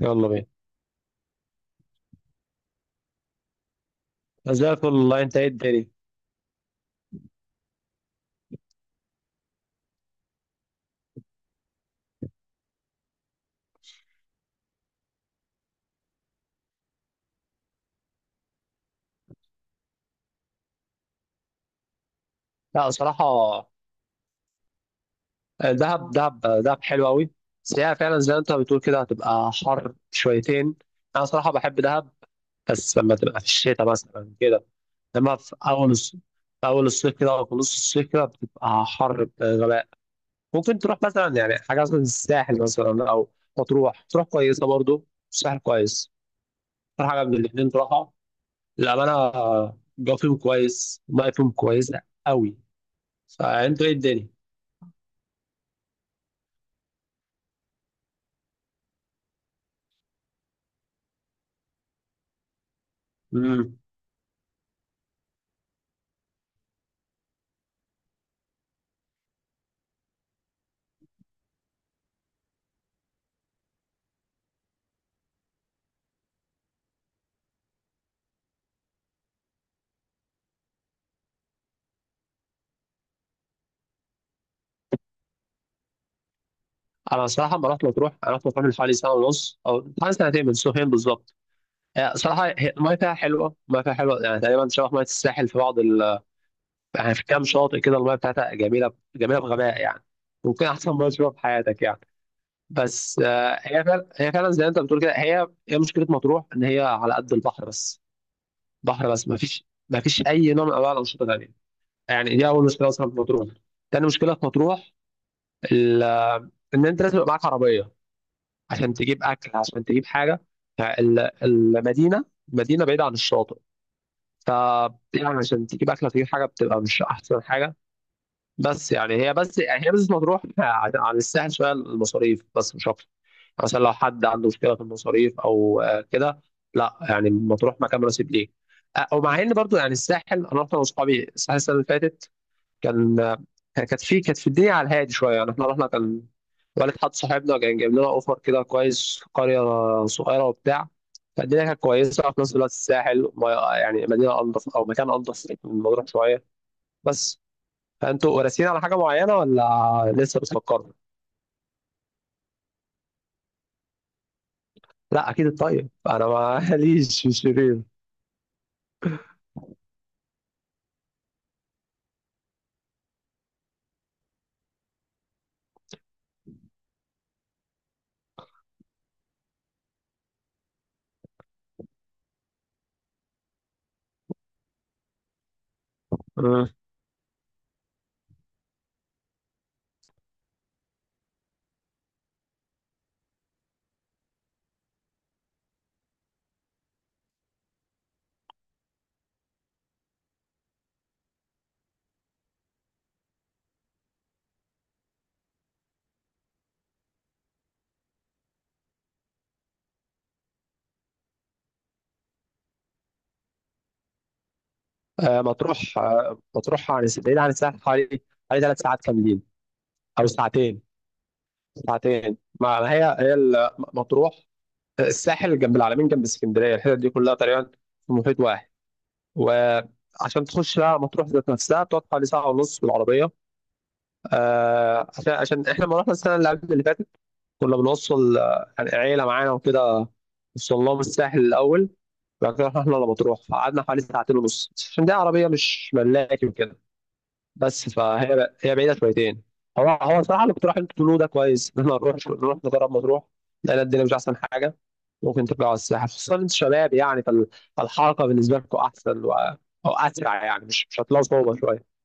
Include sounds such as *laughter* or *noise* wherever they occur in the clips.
يلا بينا. زي الفل والله. انت ايه الدنيا؟ لا، بصراحة، دهب دهب، دهب حلو قوي. بس هي فعلا زي ما انت بتقول كده، هتبقى حر شويتين. انا صراحة بحب دهب، بس لما تبقى في الشتاء مثلا كده. لما في اول الصيف كده، او في نص الصيف كده، بتبقى حر بغباء. ممكن تروح مثلا، يعني حاجة مثلا الساحل مثلا، او مطروح تروح كويسة برضو. الساحل كويس، اكتر حاجة من الاتنين تروحها، للأمانة. الجو فيهم كويس، المية فيهم كويسة قوي. فانتوا ايه الدنيا؟ امم انا صراحه ما رحت مطروح. انا رحت مطروح من حوالي سنه ونص، او حوالي سنتين، من سنتين بالظبط. هي صراحه، هي الميه فيها حلوه، الميه فيها حلوه يعني، تقريبا شبه ميه الساحل في بعض يعني في كام شاطئ كده الميه بتاعتها جميله جميله بغباء يعني. ممكن احسن ميه تشوفها في حياتك يعني. بس هي فعلا زي ما انت بتقول كده، هي مشكله مطروح ان هي على قد البحر بس. بحر بس، ما فيش اي نوع من انواع الانشطه تانيه. يعني دي اول مشكله اصلا في مطروح. تاني مشكله في مطروح، ال... ان انت لازم يبقى معاك عربيه. عشان تجيب اكل، عشان تجيب حاجه. فالمدينه مدينه بعيده عن الشاطئ. ف يعني عشان تجيب اكل تجيب حاجه، بتبقى مش احسن حاجه. بس يعني هي بس مطروح *laughs* عن الساحل شويه المصاريف، بس مش اكتر. يعني مثلا لو حد عنده مشكله في المصاريف او كده. لا، يعني مطروح مكان مناسب ليه. ومع ان برضو يعني الساحل، انا رحت انا واصحابي الساحل السنه اللي فاتت. كان كانت في الدنيا على الهادي شويه يعني. احنا رحنا والد حد صاحبنا كان جايب لنا اوفر كده كويس في قريه صغيره وبتاع. فالدنيا كانت كويسه، وفي نفس الوقت الساحل، يعني مدينه انضف او مكان انضف من مطروح شويه. بس. فانتوا راسين على حاجه معينه، ولا لسه بتفكروا؟ لا، اكيد الطيب، انا ماليش في الشرير. *laughs* أه. مطروح، مطروح عن بعيد عن الساحل، حوالي 3 ساعات كاملين. او ساعتين. ساعتين. ما ما هي هي مطروح. الساحل جنب العلمين، جنب اسكندريه، الحتت دي كلها تقريبا في محيط واحد. وعشان تخش بقى مطروح ذات نفسها، بتقعد حوالي ساعه ونص بالعربيه. عشان احنا لما رحنا السنه اللي قبل اللي فاتت، كنا بنوصل عيله معانا وكده. وصلناهم الساحل الاول، بعد كده رحنا احنا لمطروح، فقعدنا حوالي ساعتين ونص، عشان دي عربيه مش ملاكي وكده. بس فهي بعيده شويتين. هو صراحه اللي كنت رايح انت تقولوه ده كويس، ان احنا نروح، نجرب مطروح. لان الدنيا مش احسن حاجه، ممكن تبقى على الساحل. خصوصا انت شباب يعني، فالحركه بالنسبه لكم احسن او اسرع يعني، مش هتلاقوا صعوبه شويه.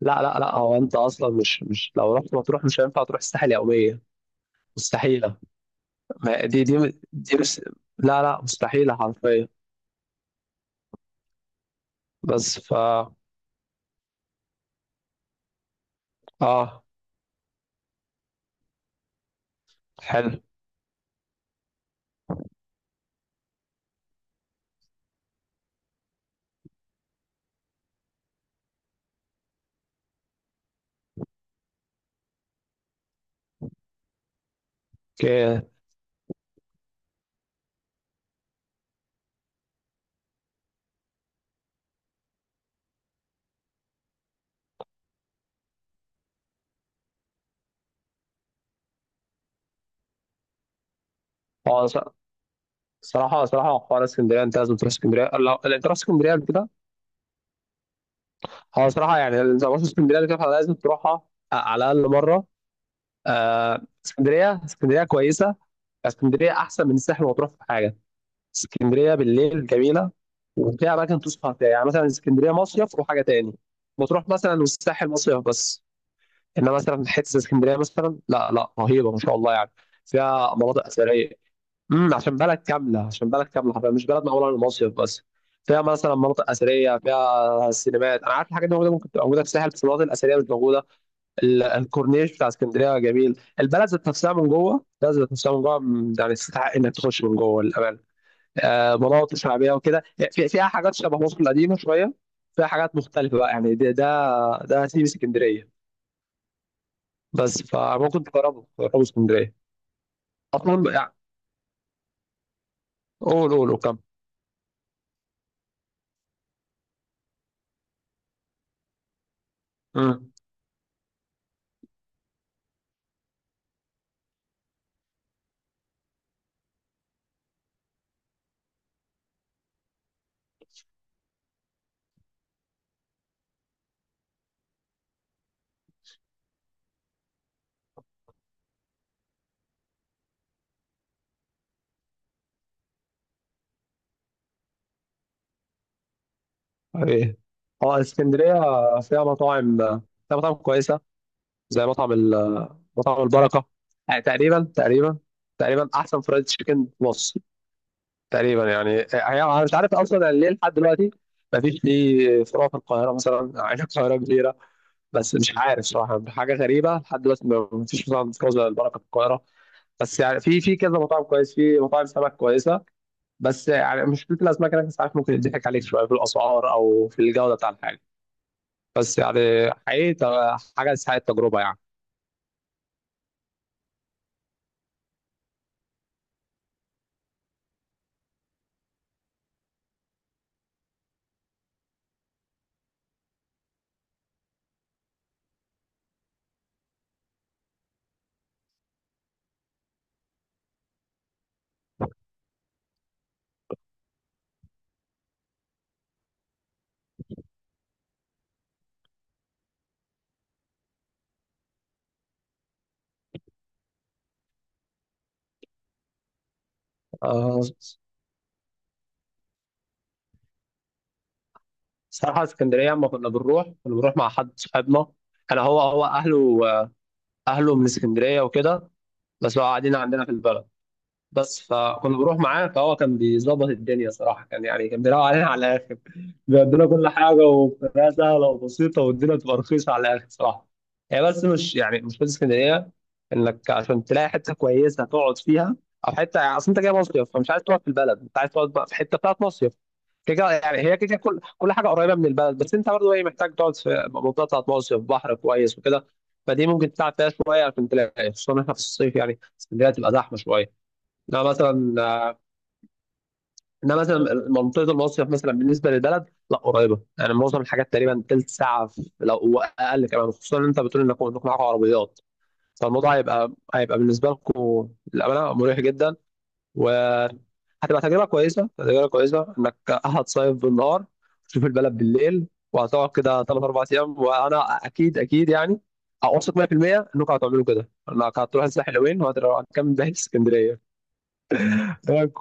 لا، لا، لا، هو انت اصلا، مش لو رحت مطروح مش هينفع تروح الساحل يوميا. مستحيله. دي بس. لا، لا، مستحيله حرفيا. بس اه. حلو. اوكي. هو صراحة حوار اسكندرية، أنت لازم تروح اسكندرية. لو أنت رحت اسكندرية قبل كده. هو صراحة يعني، أنت ما رحت اسكندرية قبل كده، فلازم تروحها، على الأقل مرة. آه، اسكندرية، اسكندرية كويسة. اسكندرية أحسن من الساحل، وتروح في حاجة. اسكندرية بالليل جميلة، وفيها أماكن تسهر فيها. يعني مثلا اسكندرية مصيف وحاجة تاني وتروح، مثلا. والساحل مصيف بس. إنما مثلا حتة اسكندرية مثلا، لا لا، رهيبة ما شاء الله يعني. فيها مناطق أثرية. عشان بلد كامله، عشان بلد كامله حرفيا، مش بلد معموله للمصيف بس. فيها مثلا مناطق اثريه، فيها سينمات. انا عارف الحاجات دي موجوده، ممكن تبقى موجوده في الساحل، بس المناطق الاثريه مش موجوده. الكورنيش بتاع اسكندريه جميل. البلد ذات نفسها من جوه، البلد ذات نفسها من جوه م- يعني تستحق انك تخش من جوه للامانه. مناطق شعبيه وكده. فيها حاجات شبه مصر القديمه شويه. فيها حاجات مختلفه بقى، يعني ده سيب اسكندريه بس. فممكن تجربوا اسكندريه اصلا يعني. قول قول. وكم. ايه. اه. اسكندريه فيها مطاعم فيها مطاعم كويسه. زي مطعم مطعم البركه. يعني تقريبا، تقريبا احسن فرايد تشيكن في مصر تقريبا يعني. هي انا مش عارف اصلا يعني ليه، لحد دلوقتي ما فيش ليه فروع في القاهره مثلا، عين القاهره كبيره. بس مش عارف صراحه، حاجه غريبه لحد دلوقتي، ما فيش مطعم فروع زي البركه في القاهره. بس يعني في كذا مطعم كويس، في مطاعم سمك كويسه. بس يعني مشكله الاسماك هناك، ساعات ممكن يضحك عليك شويه في الاسعار او في الجوده بتاع الحاجه. بس يعني حقيقي، حاجة تستحق التجربة يعني. آه، صراحة اسكندرية، لما كنا بنروح مع حد صاحبنا. أنا هو أهله من اسكندرية وكده، بس هو قاعدين عندنا في البلد. بس فكنا بنروح معاه، فهو كان بيظبط الدنيا صراحه. كان يعني كان بيراعي علينا على الاخر. بيدينا كل حاجه، وبطريقه سهله وبسيطه، والدنيا بتبقى رخيصه على الاخر صراحه. هي بس مش يعني، مش في اسكندريه انك عشان تلاقي حته كويسه تقعد فيها، او حته يعني، اصل انت جاي مصيف، فمش عايز تقعد في البلد، انت عايز تقعد بقى في حته بتاعت مصيف كده يعني. هي كده كل كل حاجه قريبه من البلد، بس انت برضه ايه، محتاج تقعد في منطقه بتاعت مصيف، بحر كويس وكده. فدي ممكن تتعب فيها شويه عشان تلاقي، خصوصا احنا في الصيف يعني اسكندريه تبقى زحمه شويه. لا مثلا، انا مثلا منطقه المصيف مثلا بالنسبه للبلد، لا قريبه، يعني معظم الحاجات تقريبا تلت ساعه، في لو اقل كمان، خصوصا ان انت بتقول انكم معاكم عربيات. فالموضوع هيبقى بالنسبه لكم، للامانه، مريح جدا. وهتبقى تجربه كويسه، تجربه كويسه، انك هتصيف بالنهار، تشوف البلد بالليل، وهتقعد كده ثلاث اربع ايام. وانا اكيد اكيد يعني، اوثق 100% انكم هتعملوا كده، انك هتروح الساحل يومين، وهتروح كام ده اسكندريه. تمام،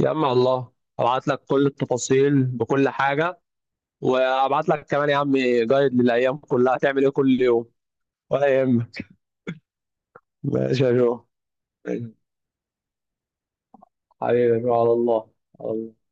يا عم. الله، ابعت لك كل التفاصيل بكل حاجه. وابعت لك كمان يا عم جايد للايام كلها، هتعمل ايه كل يوم. ولا يهمك. ماشي يا جو. حبيبي، على الله. على الله.